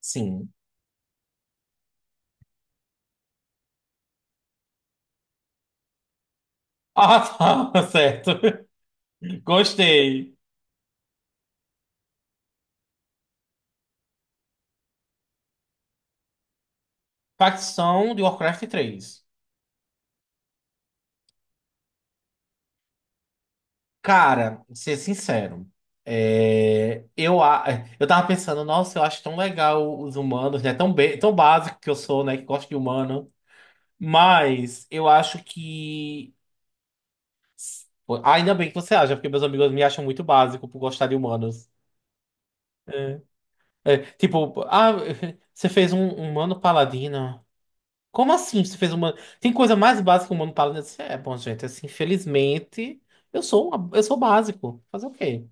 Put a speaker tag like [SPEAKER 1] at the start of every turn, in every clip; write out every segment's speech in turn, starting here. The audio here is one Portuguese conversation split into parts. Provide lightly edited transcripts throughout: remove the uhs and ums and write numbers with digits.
[SPEAKER 1] Sim. Ah, tá, certo. Gostei. Facção de Warcraft três. Cara, ser sincero, é, eu, a- eu tava pensando, nossa, eu acho tão legal os humanos, né? Tão, tão básico que eu sou, né? Que gosto de humano. Mas eu acho que. Pô, ainda bem que você acha, porque meus amigos me acham muito básico por gostar de humanos. É. É, tipo, ah, você fez um humano paladino. Como assim você fez humano? Tem coisa mais básica que o humano para. Nesse. É, bom, gente, assim, infelizmente, eu sou básico. Fazer o quê?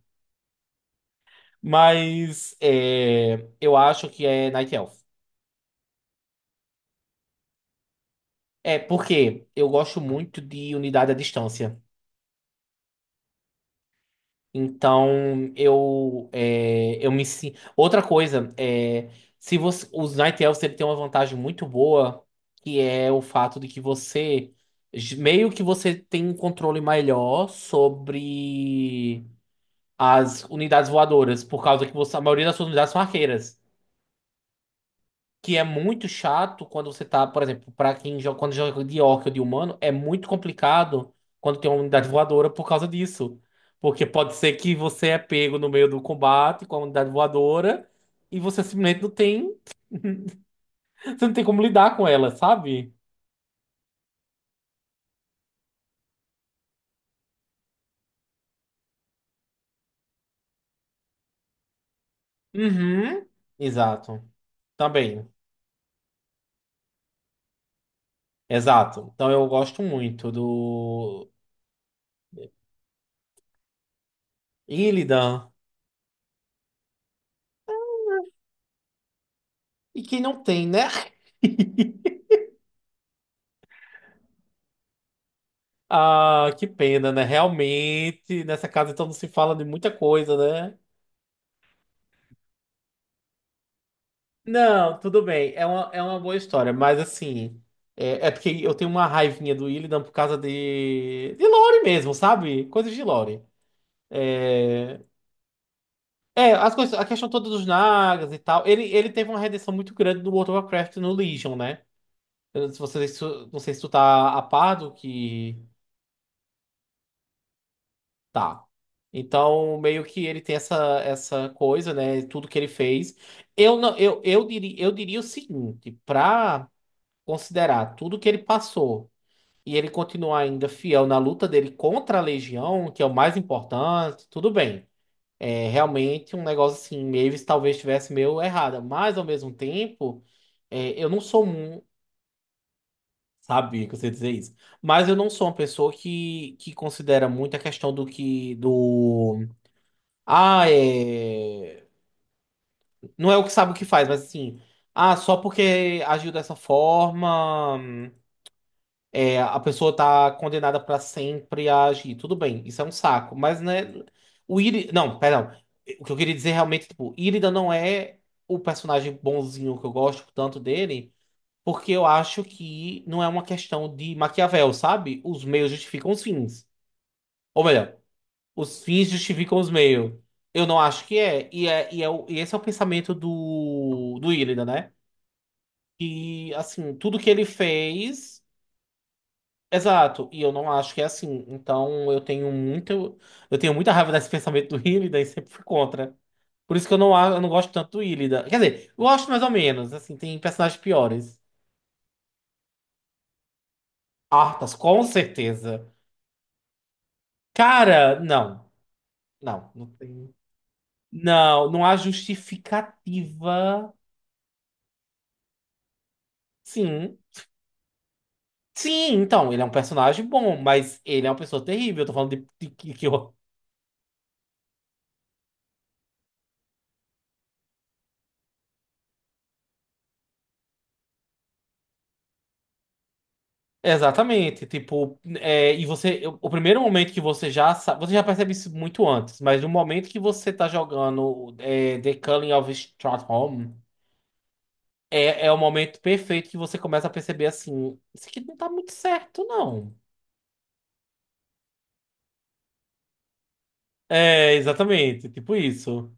[SPEAKER 1] Mas é, eu acho que é Night Elf. É, porque eu gosto muito de unidade à distância. Então, eu me sinto. Outra coisa, é, se você, os Night Elves ele tem uma vantagem muito boa, que é o fato de que você. Meio que você tem um controle melhor sobre. As unidades voadoras, por causa a maioria das suas unidades são arqueiras. Que é muito chato quando você tá, por exemplo, pra quem joga, quando joga de orc ou de humano, é muito complicado quando tem uma unidade voadora por causa disso. Porque pode ser que você é pego no meio do combate com a unidade voadora e você simplesmente não tem, você não tem como lidar com ela, sabe? Uhum. Exato. Também. Exato. Então eu gosto muito do Illidan. E quem não tem, né? Ah, que pena, né? Realmente, nessa casa então não se fala de muita coisa, né? Não, tudo bem, é uma boa história, mas assim, é porque eu tenho uma raivinha do Illidan por causa de lore mesmo, sabe? Coisas de lore. É, é as coisas, a questão toda dos Nagas e tal, ele teve uma redenção muito grande no World of Warcraft e no Legion, né? Eu não sei se você, se tu- não sei se tu tá a par do que. Tá. Então, meio que ele tem essa, essa coisa, né? Tudo que ele fez. Eu não, eu diria o seguinte, para considerar tudo que ele passou e ele continuar ainda fiel na luta dele contra a Legião, que é o mais importante, tudo bem. É realmente um negócio assim, Mavis talvez estivesse meio errada, mas ao mesmo tempo, é, eu não sou um, sabe, que você dizer isso, mas eu não sou uma pessoa que considera muito a questão do que do. Ah, é. Não é o que sabe o que faz, mas assim. Ah, só porque agiu dessa forma, a pessoa tá condenada pra sempre a agir. Tudo bem, isso é um saco. Mas, né? O Iri. Não, perdão. O que eu queria dizer realmente, tipo, Irida não é o personagem bonzinho que eu gosto tanto dele, porque eu acho que não é uma questão de Maquiavel, sabe? Os meios justificam os fins. Ou melhor. Os fins justificam os meios. Eu não acho que é. E esse é o pensamento do Illidan, né? E assim, tudo que ele fez. Exato. E eu não acho que é assim. Então eu tenho muito. Eu tenho muita raiva desse pensamento do Illidan e sempre fui contra. Por isso que eu não gosto tanto do Illidan. Quer dizer, eu gosto mais ou menos. Assim, tem personagens piores. Arthas, com certeza. Cara, não. Não, não tem. Não, não há justificativa. Sim. Sim, então, ele é um personagem bom, mas ele é uma pessoa terrível. Eu tô falando de que eu- Exatamente, tipo, é, e você, o primeiro momento que você já sabe, você já percebe isso muito antes, mas no momento que você tá jogando é, The Culling of Stratholme, é o momento perfeito que você começa a perceber assim, isso aqui não tá muito certo, não. É, exatamente, tipo isso.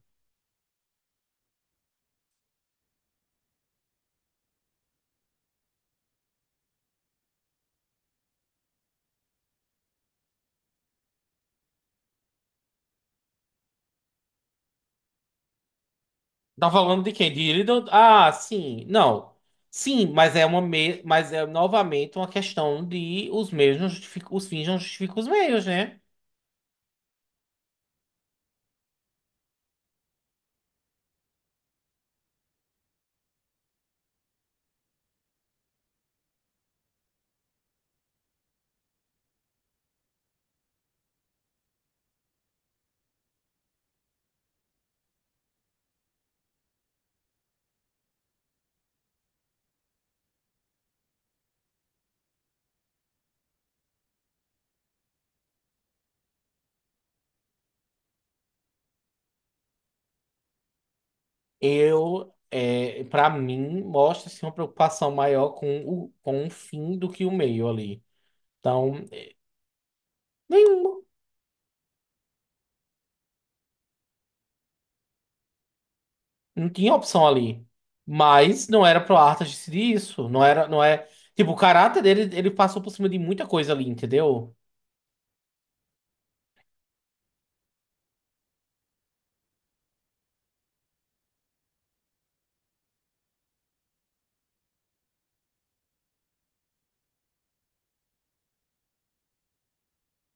[SPEAKER 1] Tá falando de quem? De Illidan? Ah, sim. Não. Sim, mas é uma me... mas é novamente uma questão de os meios não justificam, os fins não justificam os meios, né? Eu, é, para mim, mostra-se uma preocupação maior com com o fim do que o meio ali. Então, nenhuma. Não tinha opção ali. Mas não era pro Arthur decidir isso. Não era, não é. Tipo, o caráter dele, ele passou por cima de muita coisa ali, entendeu?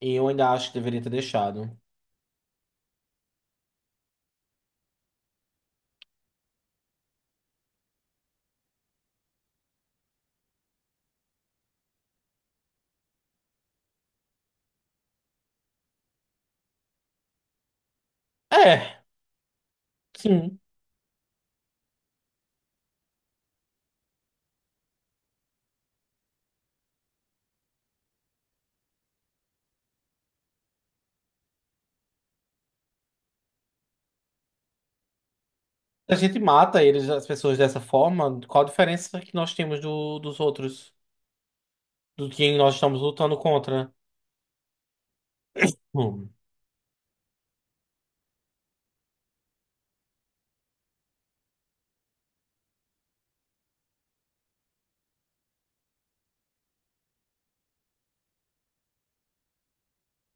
[SPEAKER 1] E eu ainda acho que deveria ter deixado. É, sim. A gente mata eles, as pessoas dessa forma. Qual a diferença que nós temos dos outros? Do que nós estamos lutando contra? Hum.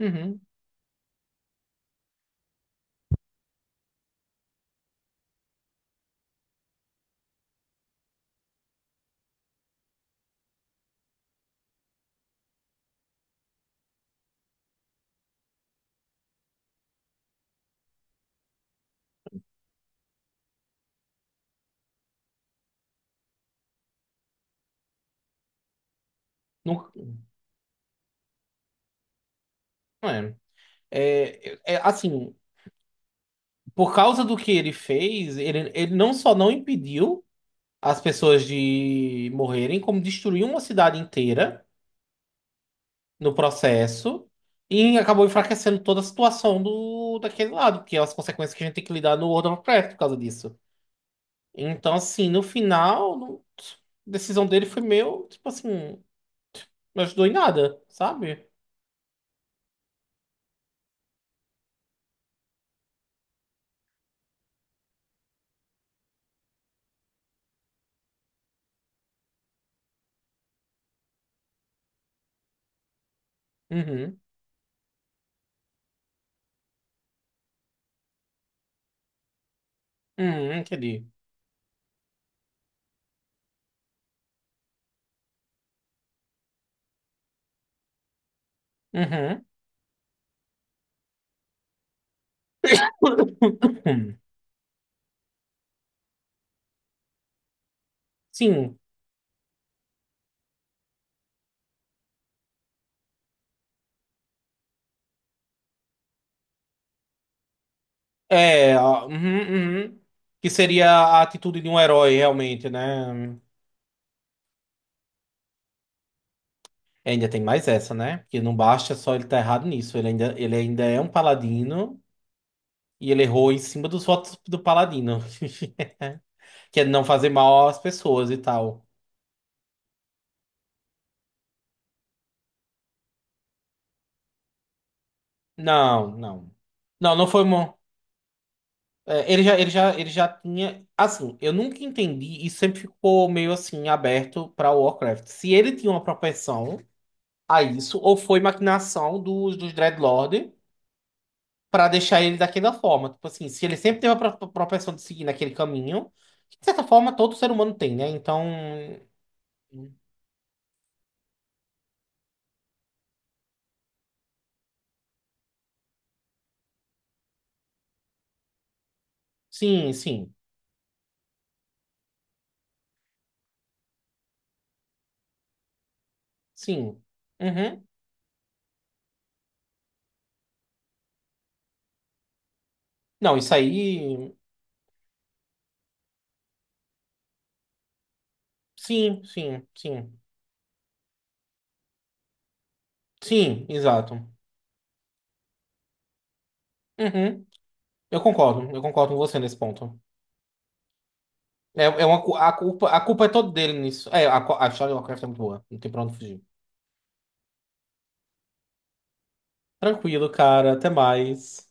[SPEAKER 1] Uhum. Não, não é. Assim, por causa do que ele fez, ele não só não impediu as pessoas de morrerem, como destruiu uma cidade inteira no processo e acabou enfraquecendo toda a situação daquele lado, que é as consequências que a gente tem que lidar no World of Warcraft por causa disso. Então, assim, no final, não- a decisão dele foi meio, tipo assim, não ajudou em nada, sabe? Uhum, uhum, entendi. Uhum. Hum, sim, é, ó, uhum, uhum. Que seria a atitude de um herói, realmente, né? Ainda tem mais essa, né? Porque não basta só ele estar errado nisso, ele ainda é um paladino e ele errou em cima dos votos do paladino, que é não fazer mal às pessoas e tal. Não, não. Não, não foi. É, ele já tinha. Assim, eu nunca entendi e sempre ficou meio assim aberto para Warcraft. Se ele tinha uma propensão a isso, ou foi maquinação dos Dreadlord para deixar ele daquela forma. Tipo assim, se ele sempre teve a propensão de seguir naquele caminho, que de certa forma todo ser humano tem, né? Então, sim, sim, sim. Uhum. Não, isso aí. Sim, sim, sim. Sim, exato. Uhum. Eu concordo com você nesse ponto. A culpa é toda dele nisso. A história de Lovecraft é muito boa. Não tem pra onde fugir. Tranquilo, cara. Até mais.